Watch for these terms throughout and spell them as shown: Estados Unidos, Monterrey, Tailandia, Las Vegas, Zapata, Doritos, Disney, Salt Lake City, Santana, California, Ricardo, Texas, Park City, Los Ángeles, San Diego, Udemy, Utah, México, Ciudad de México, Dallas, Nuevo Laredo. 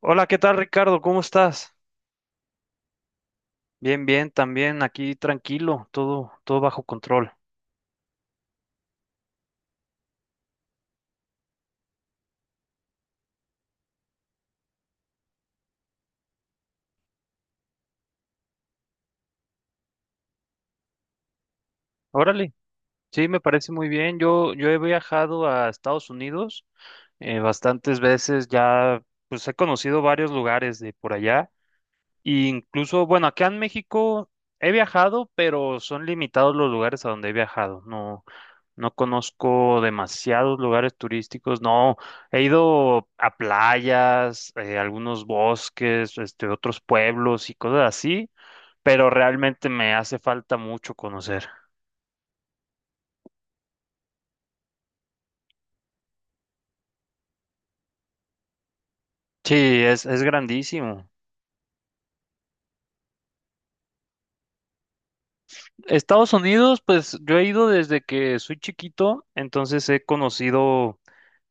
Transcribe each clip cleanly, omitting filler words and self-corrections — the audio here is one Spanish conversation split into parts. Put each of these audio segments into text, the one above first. Hola, ¿qué tal, Ricardo? ¿Cómo estás? Bien, bien, también aquí tranquilo, todo bajo control. Órale, sí, me parece muy bien. Yo he viajado a Estados Unidos bastantes veces, ya pues he conocido varios lugares de por allá. Y incluso, bueno, acá en México he viajado, pero son limitados los lugares a donde he viajado. No, no conozco demasiados lugares turísticos. No, he ido a playas, algunos bosques, otros pueblos y cosas así, pero realmente me hace falta mucho conocer. Sí, es grandísimo. Estados Unidos, pues yo he ido desde que soy chiquito, entonces he conocido.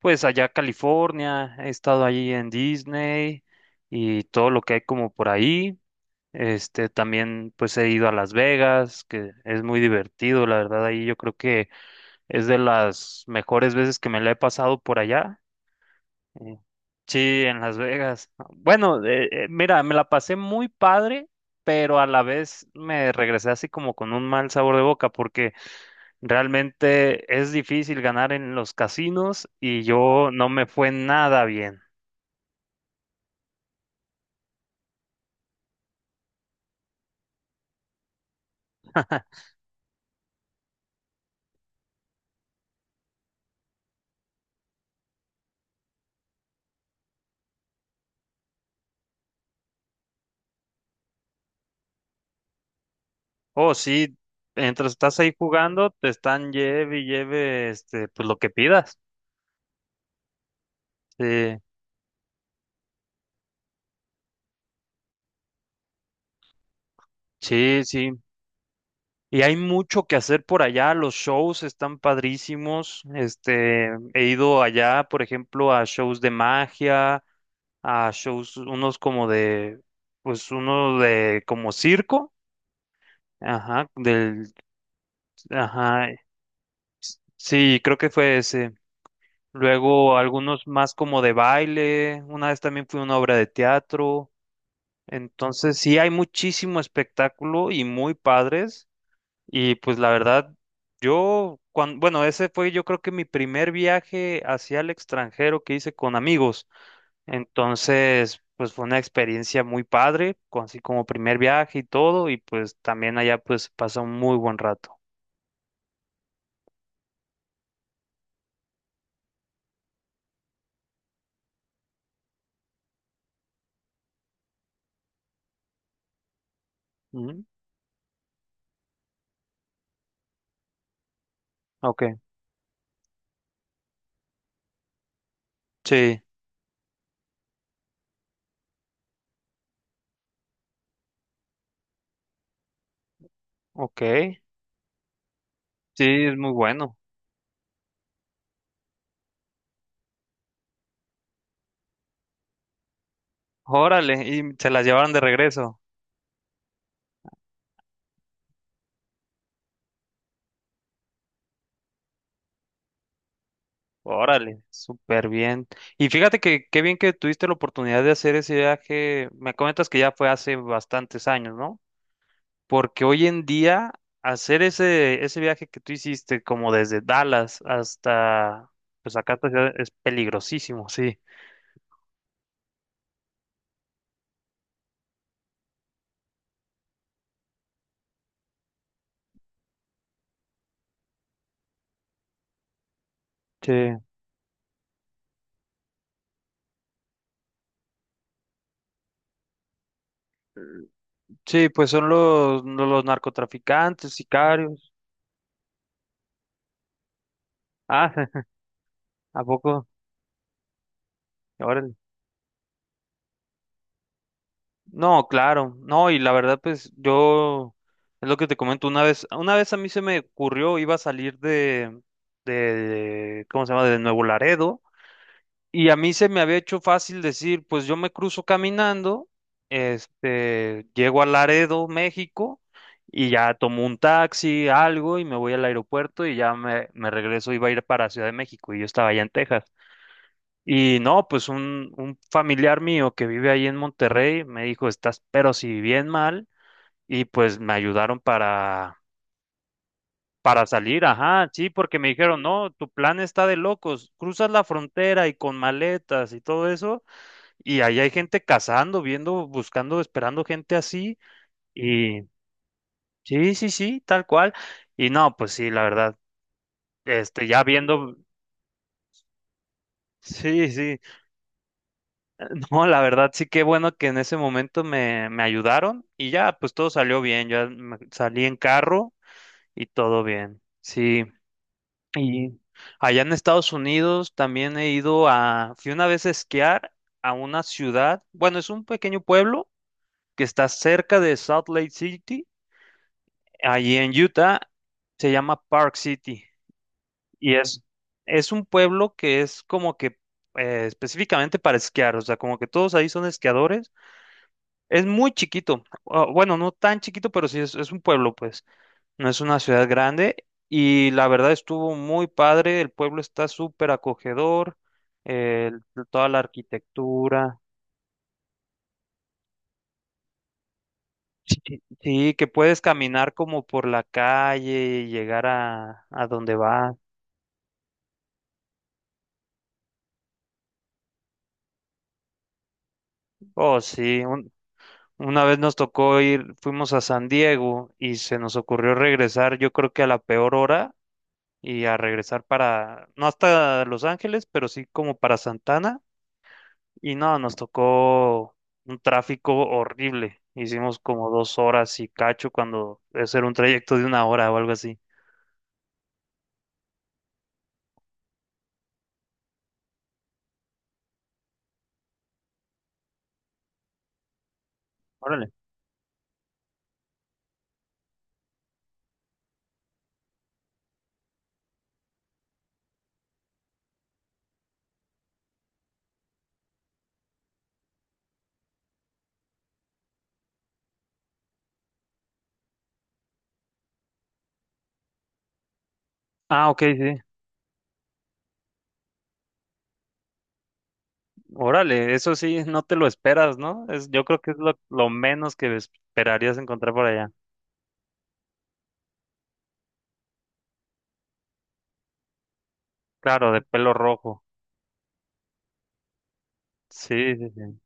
Pues allá a California, he estado allí en Disney y todo lo que hay como por ahí. También pues he ido a Las Vegas, que es muy divertido, la verdad, ahí yo creo que es de las mejores veces que me la he pasado por allá. Eh, Sí, en Las Vegas. Bueno, mira, me la pasé muy padre, pero a la vez me regresé así como con un mal sabor de boca porque realmente es difícil ganar en los casinos y yo no me fue nada bien. Oh, sí, mientras estás ahí jugando, te están lleve y lleve, pues lo que pidas. Sí, sí, sí. Y hay mucho que hacer por allá, los shows están padrísimos. He ido allá, por ejemplo, a shows de magia, a shows, unos como de, pues uno de como circo, ajá, del, ajá, sí, creo que fue ese. Luego algunos más como de baile, una vez también fue una obra de teatro. Entonces sí hay muchísimo espectáculo y muy padres. Y pues la verdad, yo, cuando, bueno, ese fue yo creo que mi primer viaje hacia el extranjero que hice con amigos. Entonces, pues fue una experiencia muy padre, con- así como primer viaje y todo. Y pues también allá pues pasó un muy buen rato. Ujú. Ok. Sí, ok. Sí, es muy bueno. Órale, y se las llevaron de regreso. Órale, súper bien. Y fíjate que qué bien que tuviste la oportunidad de hacer ese viaje. Me comentas que ya fue hace bastantes años, ¿no? Porque hoy en día hacer ese viaje que tú hiciste como desde Dallas hasta, pues acá hasta Ciudad- es peligrosísimo, sí. Sí, sí, pues son los narcotraficantes, sicarios. Ah, ¿a poco? Órale. No, claro, no, y la verdad, pues yo, es lo que te comento, una vez a mí se me ocurrió, iba a salir de, ¿cómo se llama?, de Nuevo Laredo, y a mí se me había hecho fácil decir, pues yo me cruzo caminando, llego a Laredo, México, y ya tomo un taxi, algo, y me voy al aeropuerto, y ya me regreso, iba a ir para Ciudad de México, y yo estaba allá en Texas. Y no, pues un familiar mío que vive ahí en Monterrey me dijo, estás pero si bien mal, y pues me ayudaron para salir, ajá, sí, porque me dijeron, no, tu plan está de locos, cruzas la frontera y con maletas y todo eso, y ahí hay gente cazando, viendo, buscando, esperando gente así, y sí, sí, sí, tal cual, y no, pues sí, la verdad, ya viendo, sí, sí. No, la verdad sí que bueno que en ese momento me ayudaron y ya, pues todo salió bien, ya me- salí en carro y todo bien. Sí, y allá en Estados Unidos también he ido a, fui una vez a esquiar a una ciudad, bueno, es un pequeño pueblo que está cerca de Salt Lake City, allí en Utah, se llama Park City y es un pueblo que es como que específicamente para esquiar, o sea, como que todos ahí son esquiadores. Es muy chiquito, o- bueno, no tan chiquito, pero sí es un pueblo, pues, no es una ciudad grande y la verdad estuvo muy padre, el pueblo está súper acogedor, eh, toda la arquitectura, sí, sí, sí, que puedes caminar como por la calle y llegar a donde va. Oh, sí, un- una vez nos tocó ir, fuimos a San Diego y se nos ocurrió regresar, yo creo que a la peor hora y a regresar para, no hasta Los Ángeles, pero sí como para Santana. Y no, nos tocó un tráfico horrible. Hicimos como dos horas y cacho cuando eso era un trayecto de una hora o algo así. Órale. Ah, ok, sí. Órale, eso sí, no te lo esperas, ¿no? Es, yo creo que es lo menos que esperarías encontrar por allá. Claro, de pelo rojo. Sí, sí, sí.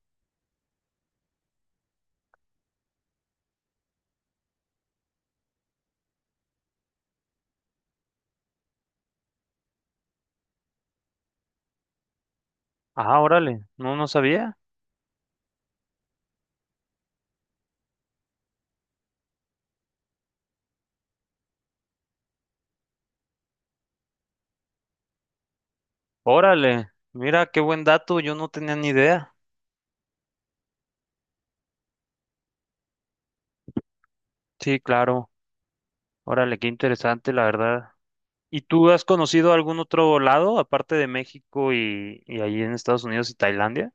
Ah, órale, no, no sabía. Órale, mira, qué buen dato, yo no tenía ni idea. Sí, claro. Órale, qué interesante, la verdad. ¿Y tú has conocido algún otro lado, aparte de México y allí en Estados Unidos y Tailandia?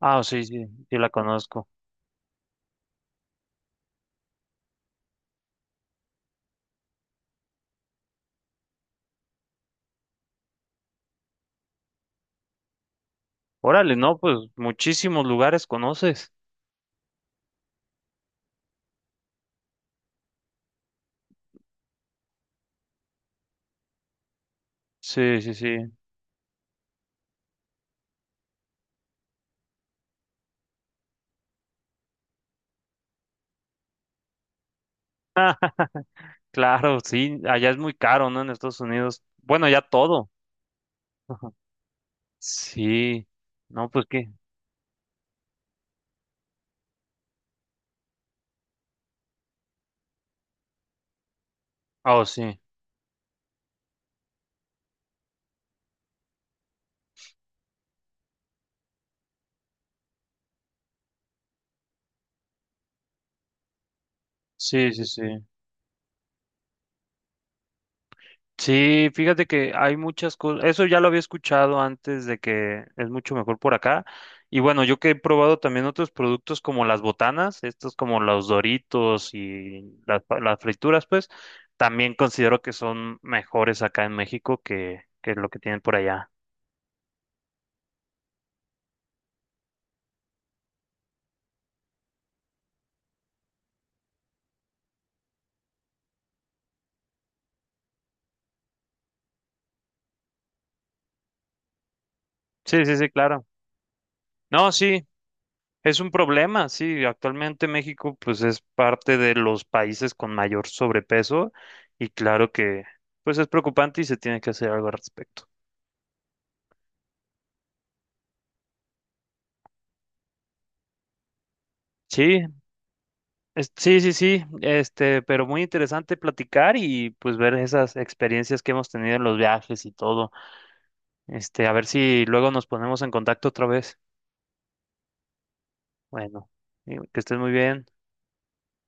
Ah, sí, sí, sí la conozco. Órale, no, pues muchísimos lugares conoces. Sí, sí, sí. Claro, sí, allá es muy caro, ¿no? En Estados Unidos. Bueno, ya todo. Ajá. Sí. No, pues qué. Oh, sí. Sí, sí, sí. Sí, fíjate que hay muchas cosas, eso ya lo había escuchado antes de que es mucho mejor por acá. Y bueno, yo que he probado también otros productos como las botanas, estos como los Doritos y las, pa- las frituras, pues también considero que son mejores acá en México que lo que tienen por allá. Sí, sí, sí, claro. No, sí, es un problema, sí. Actualmente México pues es parte de los países con mayor sobrepeso y claro que pues es preocupante y se tiene que hacer algo al respecto. Sí, es- sí, sí, sí, este, pero muy interesante platicar y pues ver esas experiencias que hemos tenido en los viajes y todo. Este, a ver si luego nos ponemos en contacto otra vez. Bueno, y que estés muy bien.